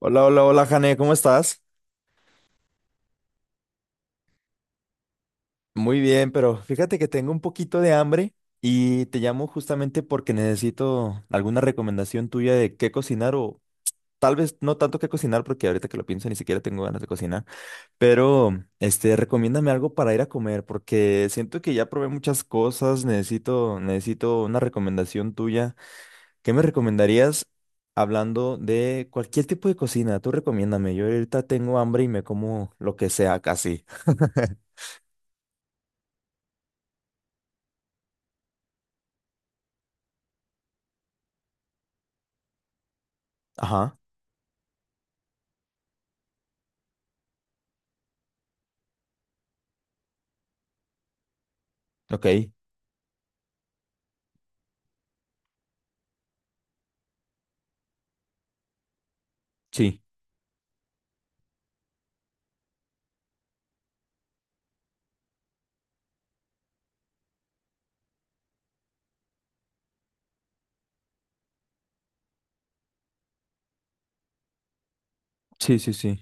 Hola, hola, hola, Jane, ¿cómo estás? Muy bien, pero fíjate que tengo un poquito de hambre y te llamo justamente porque necesito alguna recomendación tuya de qué cocinar o tal vez no tanto qué cocinar porque ahorita que lo pienso ni siquiera tengo ganas de cocinar, pero recomiéndame algo para ir a comer porque siento que ya probé muchas cosas, necesito una recomendación tuya. ¿Qué me recomendarías hablando de cualquier tipo de cocina? Tú recomiéndame, yo ahorita tengo hambre y me como lo que sea casi. Ajá, ok, sí, sí, sí, sí.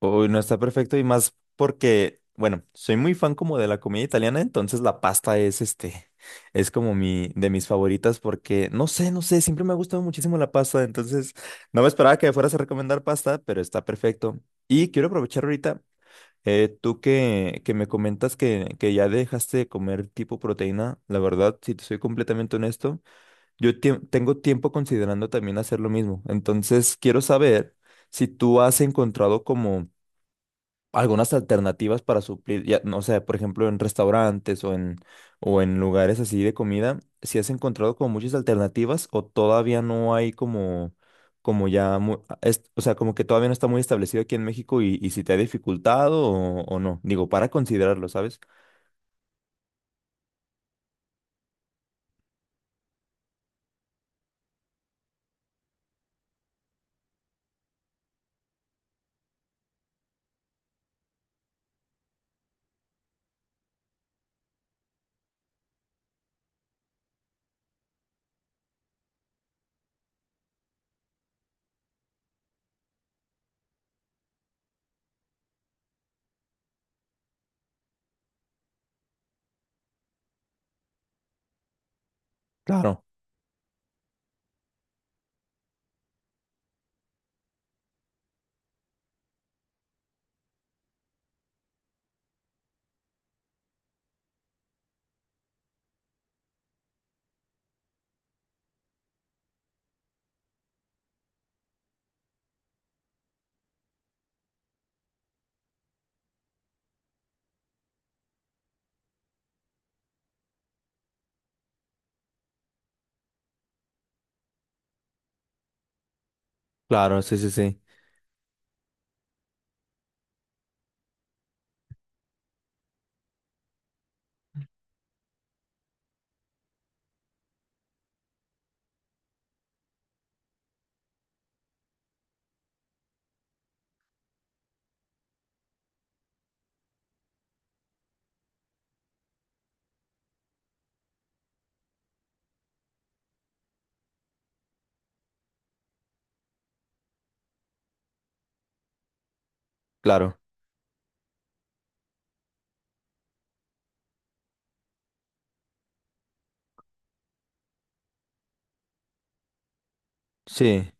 Uy, no está perfecto y más porque, bueno, soy muy fan como de la comida italiana, entonces la pasta es es como mi, de mis favoritas porque, no sé, siempre me ha gustado muchísimo la pasta, entonces no me esperaba que me fueras a recomendar pasta, pero está perfecto. Y quiero aprovechar ahorita, tú que me comentas que ya dejaste de comer tipo proteína, la verdad, si te soy completamente honesto. Tengo tiempo considerando también hacer lo mismo. Entonces, quiero saber si tú has encontrado como algunas alternativas para suplir, ya, no sé, por ejemplo, en restaurantes o en lugares así de comida, si has encontrado como muchas alternativas o todavía no hay como ya, o sea, como que todavía no está muy establecido aquí en México y si te ha dificultado o no. Digo, para considerarlo, ¿sabes? Claro, claro, sí, sí, sí, claro, sí.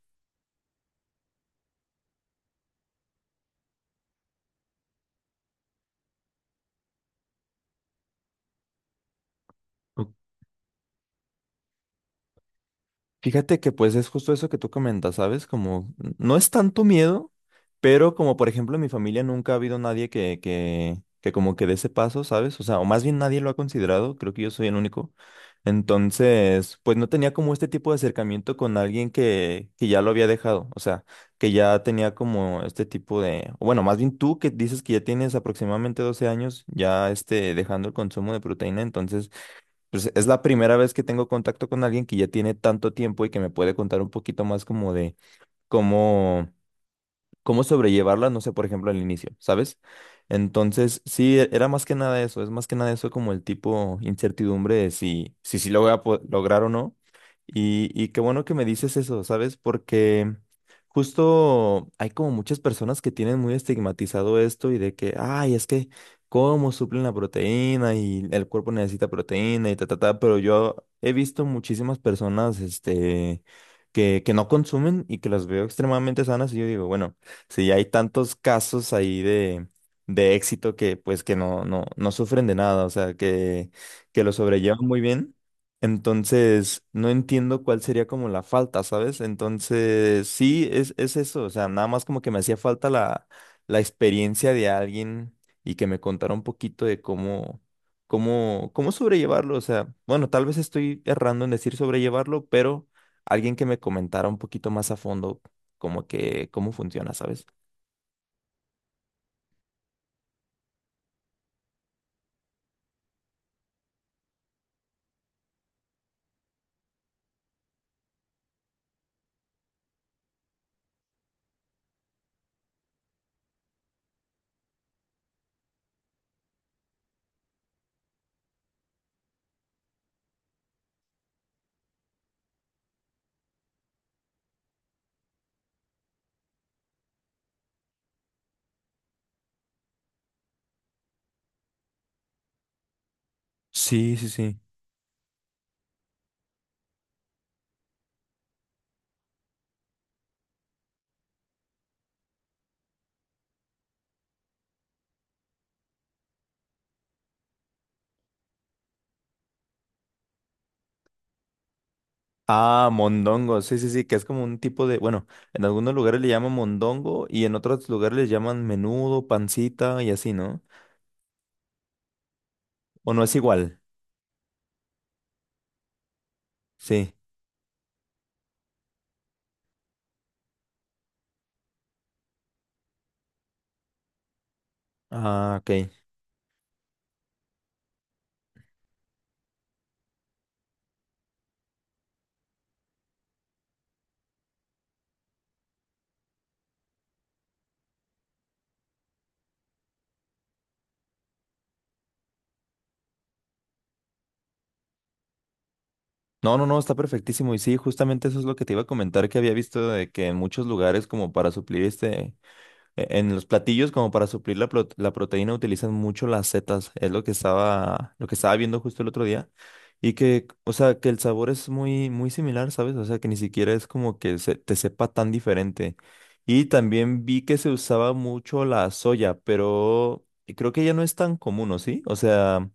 Fíjate que pues es justo eso que tú comentas, ¿sabes? Como no es tanto miedo, pero como por ejemplo en mi familia nunca ha habido nadie que como que dé ese paso, ¿sabes? O sea, o más bien nadie lo ha considerado, creo que yo soy el único. Entonces, pues no tenía como este tipo de acercamiento con alguien que ya lo había dejado, o sea, que ya tenía como este tipo de, o bueno, más bien tú que dices que ya tienes aproximadamente 12 años ya dejando el consumo de proteína, entonces... Pues es la primera vez que tengo contacto con alguien que ya tiene tanto tiempo y que me puede contar un poquito más como de cómo, cómo sobrellevarla, no sé, por ejemplo, al inicio, ¿sabes? Entonces, sí, era más que nada eso, es más que nada eso como el tipo incertidumbre de si sí lo lograr o no. Y qué bueno que me dices eso, ¿sabes? Porque justo hay como muchas personas que tienen muy estigmatizado esto y de que, ay, es que, ¿cómo suplen la proteína? Y el cuerpo necesita proteína y ta, ta, ta, pero yo he visto muchísimas personas, este... Que no consumen y que las veo extremadamente sanas y yo digo, bueno, sí, hay tantos casos ahí de éxito que pues que no, no, no sufren de nada, o sea, que lo sobrellevan muy bien. Entonces, no entiendo cuál sería como la falta, ¿sabes? Entonces, sí, es eso, o sea, nada más como que me hacía falta la, la experiencia de alguien y que me contara un poquito de cómo sobrellevarlo, o sea, bueno, tal vez estoy errando en decir sobrellevarlo, pero alguien que me comentara un poquito más a fondo como que cómo funciona, ¿sabes? Sí, sí, sí. Ah, mondongo, sí, sí, sí, que es como un tipo de, bueno, en algunos lugares le llaman mondongo y en otros lugares le llaman menudo, pancita y así, ¿no? O no es igual, sí. Ah, ok. No, no, no, está perfectísimo. Y sí, justamente eso es lo que te iba a comentar que había visto de que en muchos lugares como para suplir en los platillos, como para suplir la proteína, utilizan mucho las setas. Es lo que estaba viendo justo el otro día. Y que, o sea, que el sabor es muy similar, ¿sabes? O sea, que ni siquiera es como que se, te sepa tan diferente. Y también vi que se usaba mucho la soya, pero creo que ya no es tan común, ¿o sí? O sea,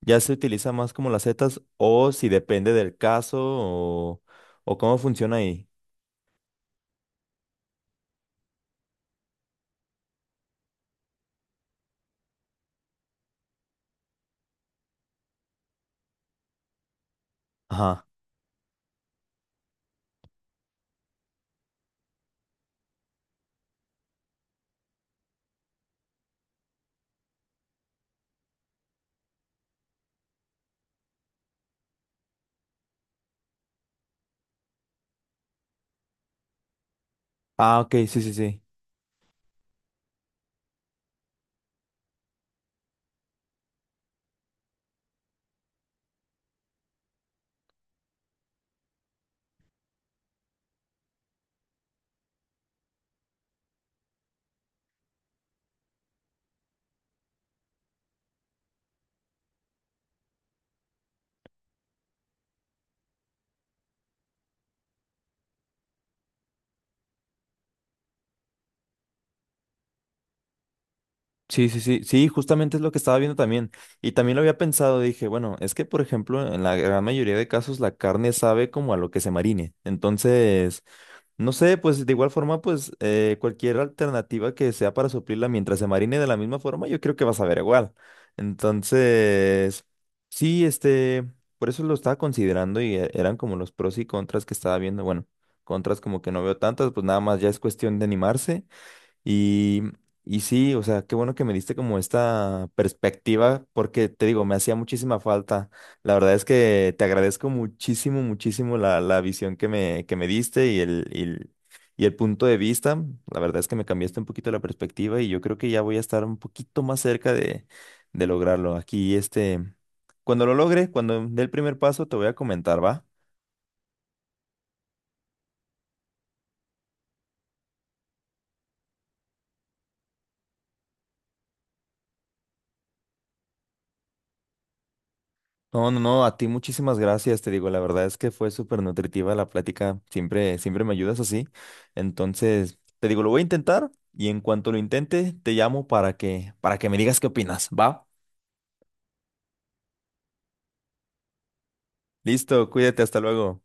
ya se utiliza más como las setas, o si depende del caso, o cómo funciona ahí. Ajá. Ah, ok, sí, sí, sí. Sí, sí, sí, sí, justamente es lo que estaba viendo también. Y también lo había pensado, dije, bueno, es que por ejemplo, en la gran mayoría de casos la carne sabe como a lo que se marine. Entonces, no sé, pues de igual forma, pues cualquier alternativa que sea para suplirla mientras se marine de la misma forma, yo creo que vas a ver igual. Entonces, sí, por eso lo estaba considerando y eran como los pros y contras que estaba viendo. Bueno, contras como que no veo tantas, pues nada más ya es cuestión de animarse. Y, y sí, o sea, qué bueno que me diste como esta perspectiva, porque te digo, me hacía muchísima falta. La verdad es que te agradezco muchísimo, muchísimo la, la visión que me diste y y el punto de vista. La verdad es que me cambiaste un poquito la perspectiva y yo creo que ya voy a estar un poquito más cerca de lograrlo. Aquí, cuando lo logre, cuando dé el primer paso, te voy a comentar, ¿va? No, no, no, a ti muchísimas gracias, te digo, la verdad es que fue súper nutritiva la plática, siempre, siempre me ayudas así. Entonces, te digo, lo voy a intentar y en cuanto lo intente, te llamo para para que me digas qué opinas, ¿va? Listo, cuídate, hasta luego.